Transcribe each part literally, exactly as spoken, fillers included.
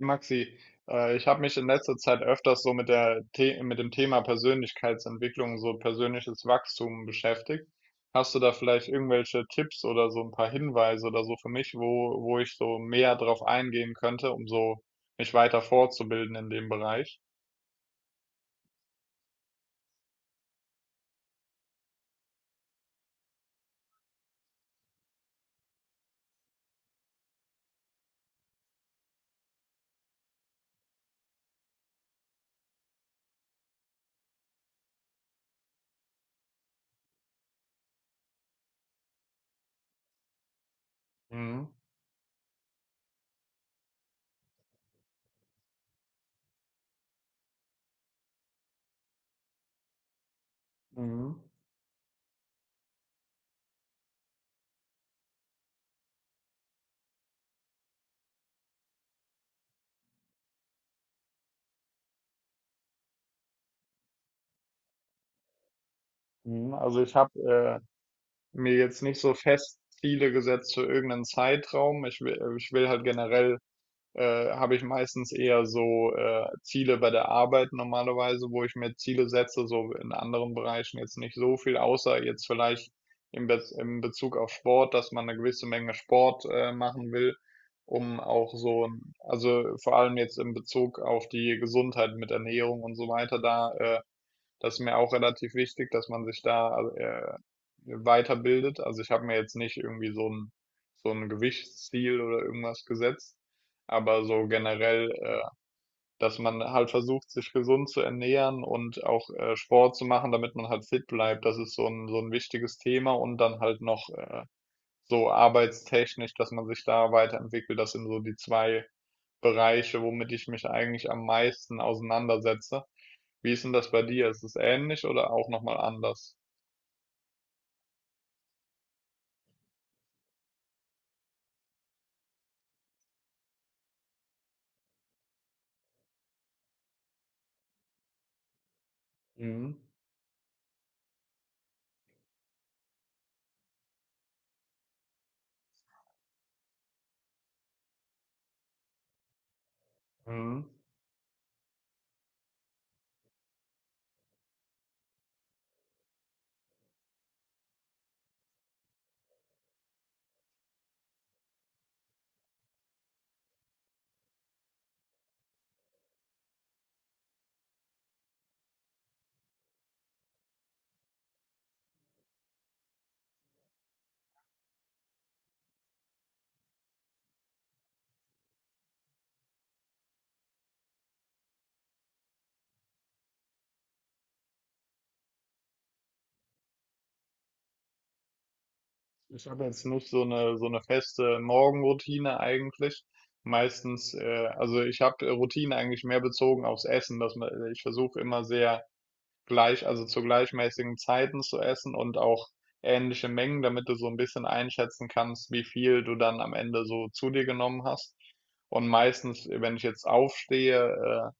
Maxi, äh, ich habe mich in letzter Zeit öfters so mit der The mit dem Thema Persönlichkeitsentwicklung, so persönliches Wachstum beschäftigt. Hast du da vielleicht irgendwelche Tipps oder so ein paar Hinweise oder so für mich, wo, wo ich so mehr drauf eingehen könnte, um so mich weiter fortzubilden in dem Bereich? Mhm. Mhm. Mhm. Also ich habe äh, mir jetzt nicht so fest Ziele gesetzt für irgendeinen Zeitraum. Ich will, ich will halt generell äh, habe ich meistens eher so äh, Ziele bei der Arbeit normalerweise, wo ich mir Ziele setze, so in anderen Bereichen jetzt nicht so viel, außer jetzt vielleicht im, Bez im Bezug auf Sport, dass man eine gewisse Menge Sport äh, machen will, um auch so, ein- also vor allem jetzt im Bezug auf die Gesundheit mit Ernährung und so weiter, da äh, das ist mir auch relativ wichtig, dass man sich da also, äh, weiterbildet. Also ich habe mir jetzt nicht irgendwie so ein, so ein Gewichtsziel oder irgendwas gesetzt, aber so generell, äh, dass man halt versucht, sich gesund zu ernähren und auch äh, Sport zu machen, damit man halt fit bleibt. Das ist so ein, so ein wichtiges Thema und dann halt noch äh, so arbeitstechnisch, dass man sich da weiterentwickelt. Das sind so die zwei Bereiche, womit ich mich eigentlich am meisten auseinandersetze. Wie ist denn das bei dir? Ist es ähnlich oder auch noch mal anders? Mhm. Mhm. Ich habe jetzt nicht so eine so eine feste Morgenroutine eigentlich. Meistens, äh, also ich habe Routine eigentlich mehr bezogen aufs Essen, dass man, ich versuche immer sehr gleich, also zu gleichmäßigen Zeiten zu essen und auch ähnliche Mengen, damit du so ein bisschen einschätzen kannst, wie viel du dann am Ende so zu dir genommen hast. Und meistens, wenn ich jetzt aufstehe, äh,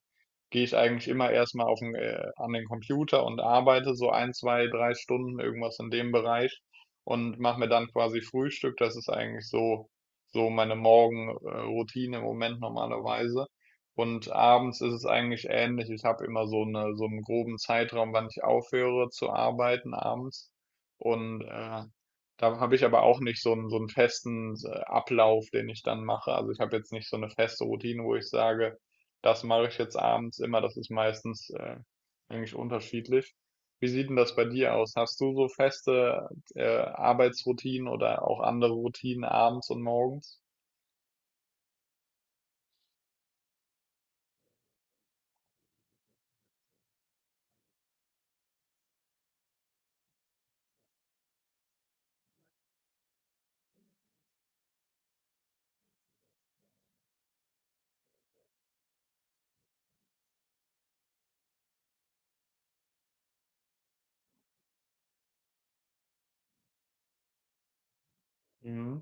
gehe ich eigentlich immer erstmal auf 'n, äh an den Computer und arbeite so ein, zwei, drei Stunden, irgendwas in dem Bereich und mache mir dann quasi Frühstück. Das ist eigentlich so so meine Morgenroutine im Moment normalerweise. Und abends ist es eigentlich ähnlich. Ich habe immer so 'ne so 'n groben Zeitraum, wann ich aufhöre zu arbeiten abends. Und, äh, da habe ich aber auch nicht so einen so einen festen s Ablauf, den ich dann mache. Also, ich habe jetzt nicht so eine feste Routine, wo ich sage: Das mache ich jetzt abends immer, das ist meistens, äh, eigentlich unterschiedlich. Wie sieht denn das bei dir aus? Hast du so feste, äh, Arbeitsroutinen oder auch andere Routinen abends und morgens? Mhm.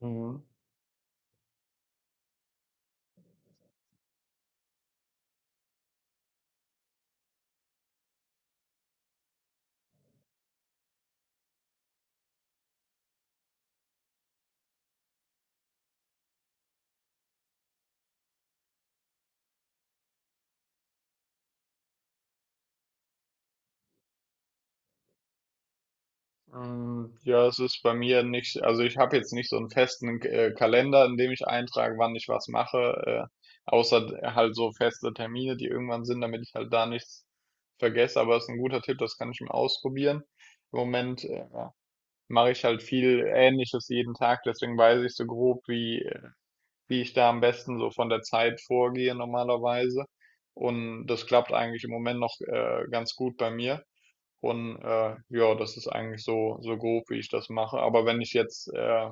Mhm. Mm, ja, es ist bei mir nicht, also ich habe jetzt nicht so einen festen äh, Kalender, in dem ich eintrage, wann ich was mache, äh, außer d- halt so feste Termine, die irgendwann sind, damit ich halt da nichts vergesse. Aber es ist ein guter Tipp, das kann ich mir ausprobieren. Im Moment äh, mache ich halt viel Ähnliches jeden Tag, deswegen weiß ich so grob, wie, äh, wie ich da am besten so von der Zeit vorgehe normalerweise. Und das klappt eigentlich im Moment noch äh, ganz gut bei mir. Und äh, ja, das ist eigentlich so, so grob, wie ich das mache. Aber wenn ich jetzt äh,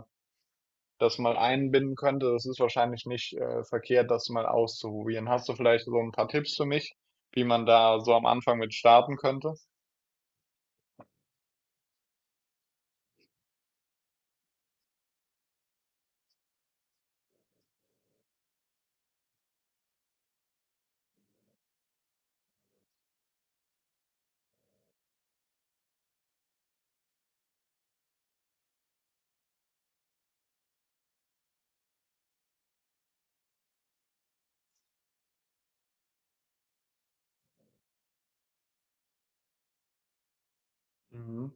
das mal einbinden könnte, das ist wahrscheinlich nicht äh, verkehrt, das mal auszuprobieren. Hast du vielleicht so ein paar Tipps für mich, wie man da so am Anfang mit starten könnte? Mhm.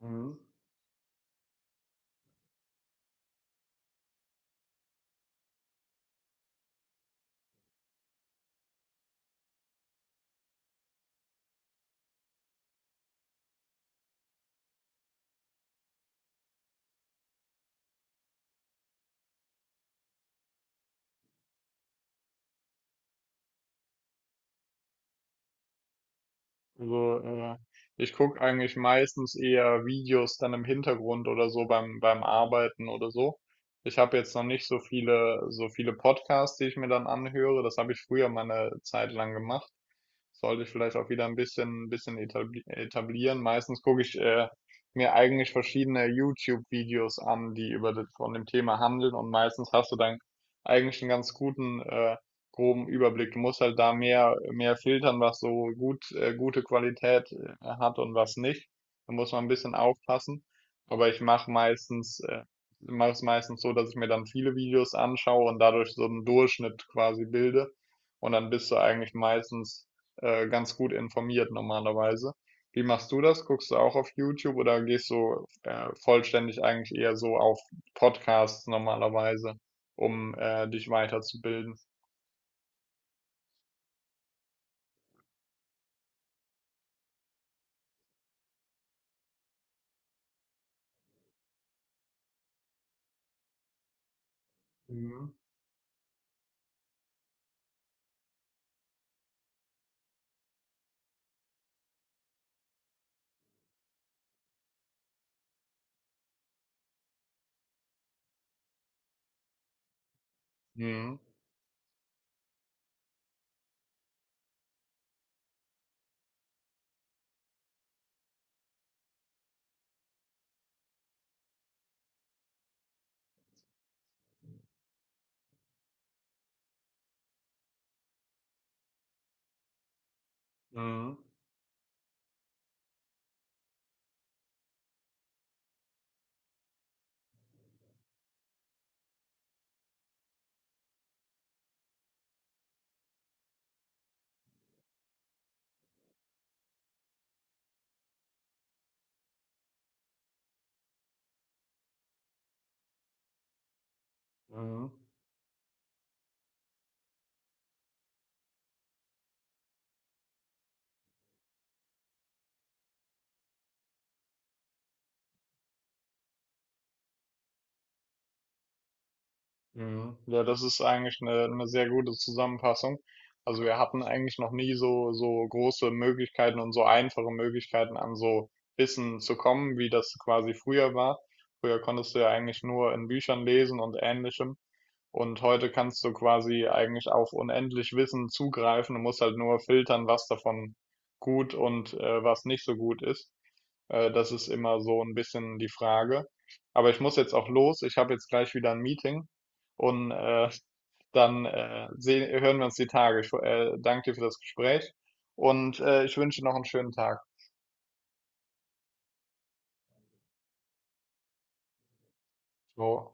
Mhm. Also, äh, ich gucke eigentlich meistens eher Videos dann im Hintergrund oder so beim, beim Arbeiten oder so. Ich habe jetzt noch nicht so viele, so viele Podcasts, die ich mir dann anhöre. Das habe ich früher mal eine Zeit lang gemacht, sollte ich vielleicht auch wieder ein bisschen, ein bisschen etabli etablieren. Meistens gucke ich äh, mir eigentlich verschiedene YouTube-Videos an, die über das, von dem Thema handeln und meistens hast du dann eigentlich einen ganz guten äh, groben Überblick. Du musst halt da mehr, mehr filtern, was so gut, äh, gute Qualität äh, hat und was nicht. Da muss man ein bisschen aufpassen. Aber ich mache meistens, äh, mache es meistens so, dass ich mir dann viele Videos anschaue und dadurch so einen Durchschnitt quasi bilde. Und dann bist du eigentlich meistens äh, ganz gut informiert normalerweise. Wie machst du das? Guckst du auch auf YouTube oder gehst du äh, vollständig eigentlich eher so auf Podcasts normalerweise, um äh, dich weiterzubilden? Mhm. Mhm. Mhm. Mhm. Mhm. Ja, das ist eigentlich eine, eine sehr gute Zusammenfassung. Also wir hatten eigentlich noch nie so, so große Möglichkeiten und so einfache Möglichkeiten an so Wissen zu kommen, wie das quasi früher war. Früher konntest du ja eigentlich nur in Büchern lesen und ähnlichem. Und heute kannst du quasi eigentlich auf unendlich Wissen zugreifen. Du musst halt nur filtern, was davon gut und äh, was nicht so gut ist. Äh, das ist immer so ein bisschen die Frage. Aber ich muss jetzt auch los. Ich habe jetzt gleich wieder ein Meeting und äh, dann äh, seh, hören wir uns die Tage. Ich äh, danke dir für das Gespräch und äh, ich wünsche dir noch einen schönen Tag. So.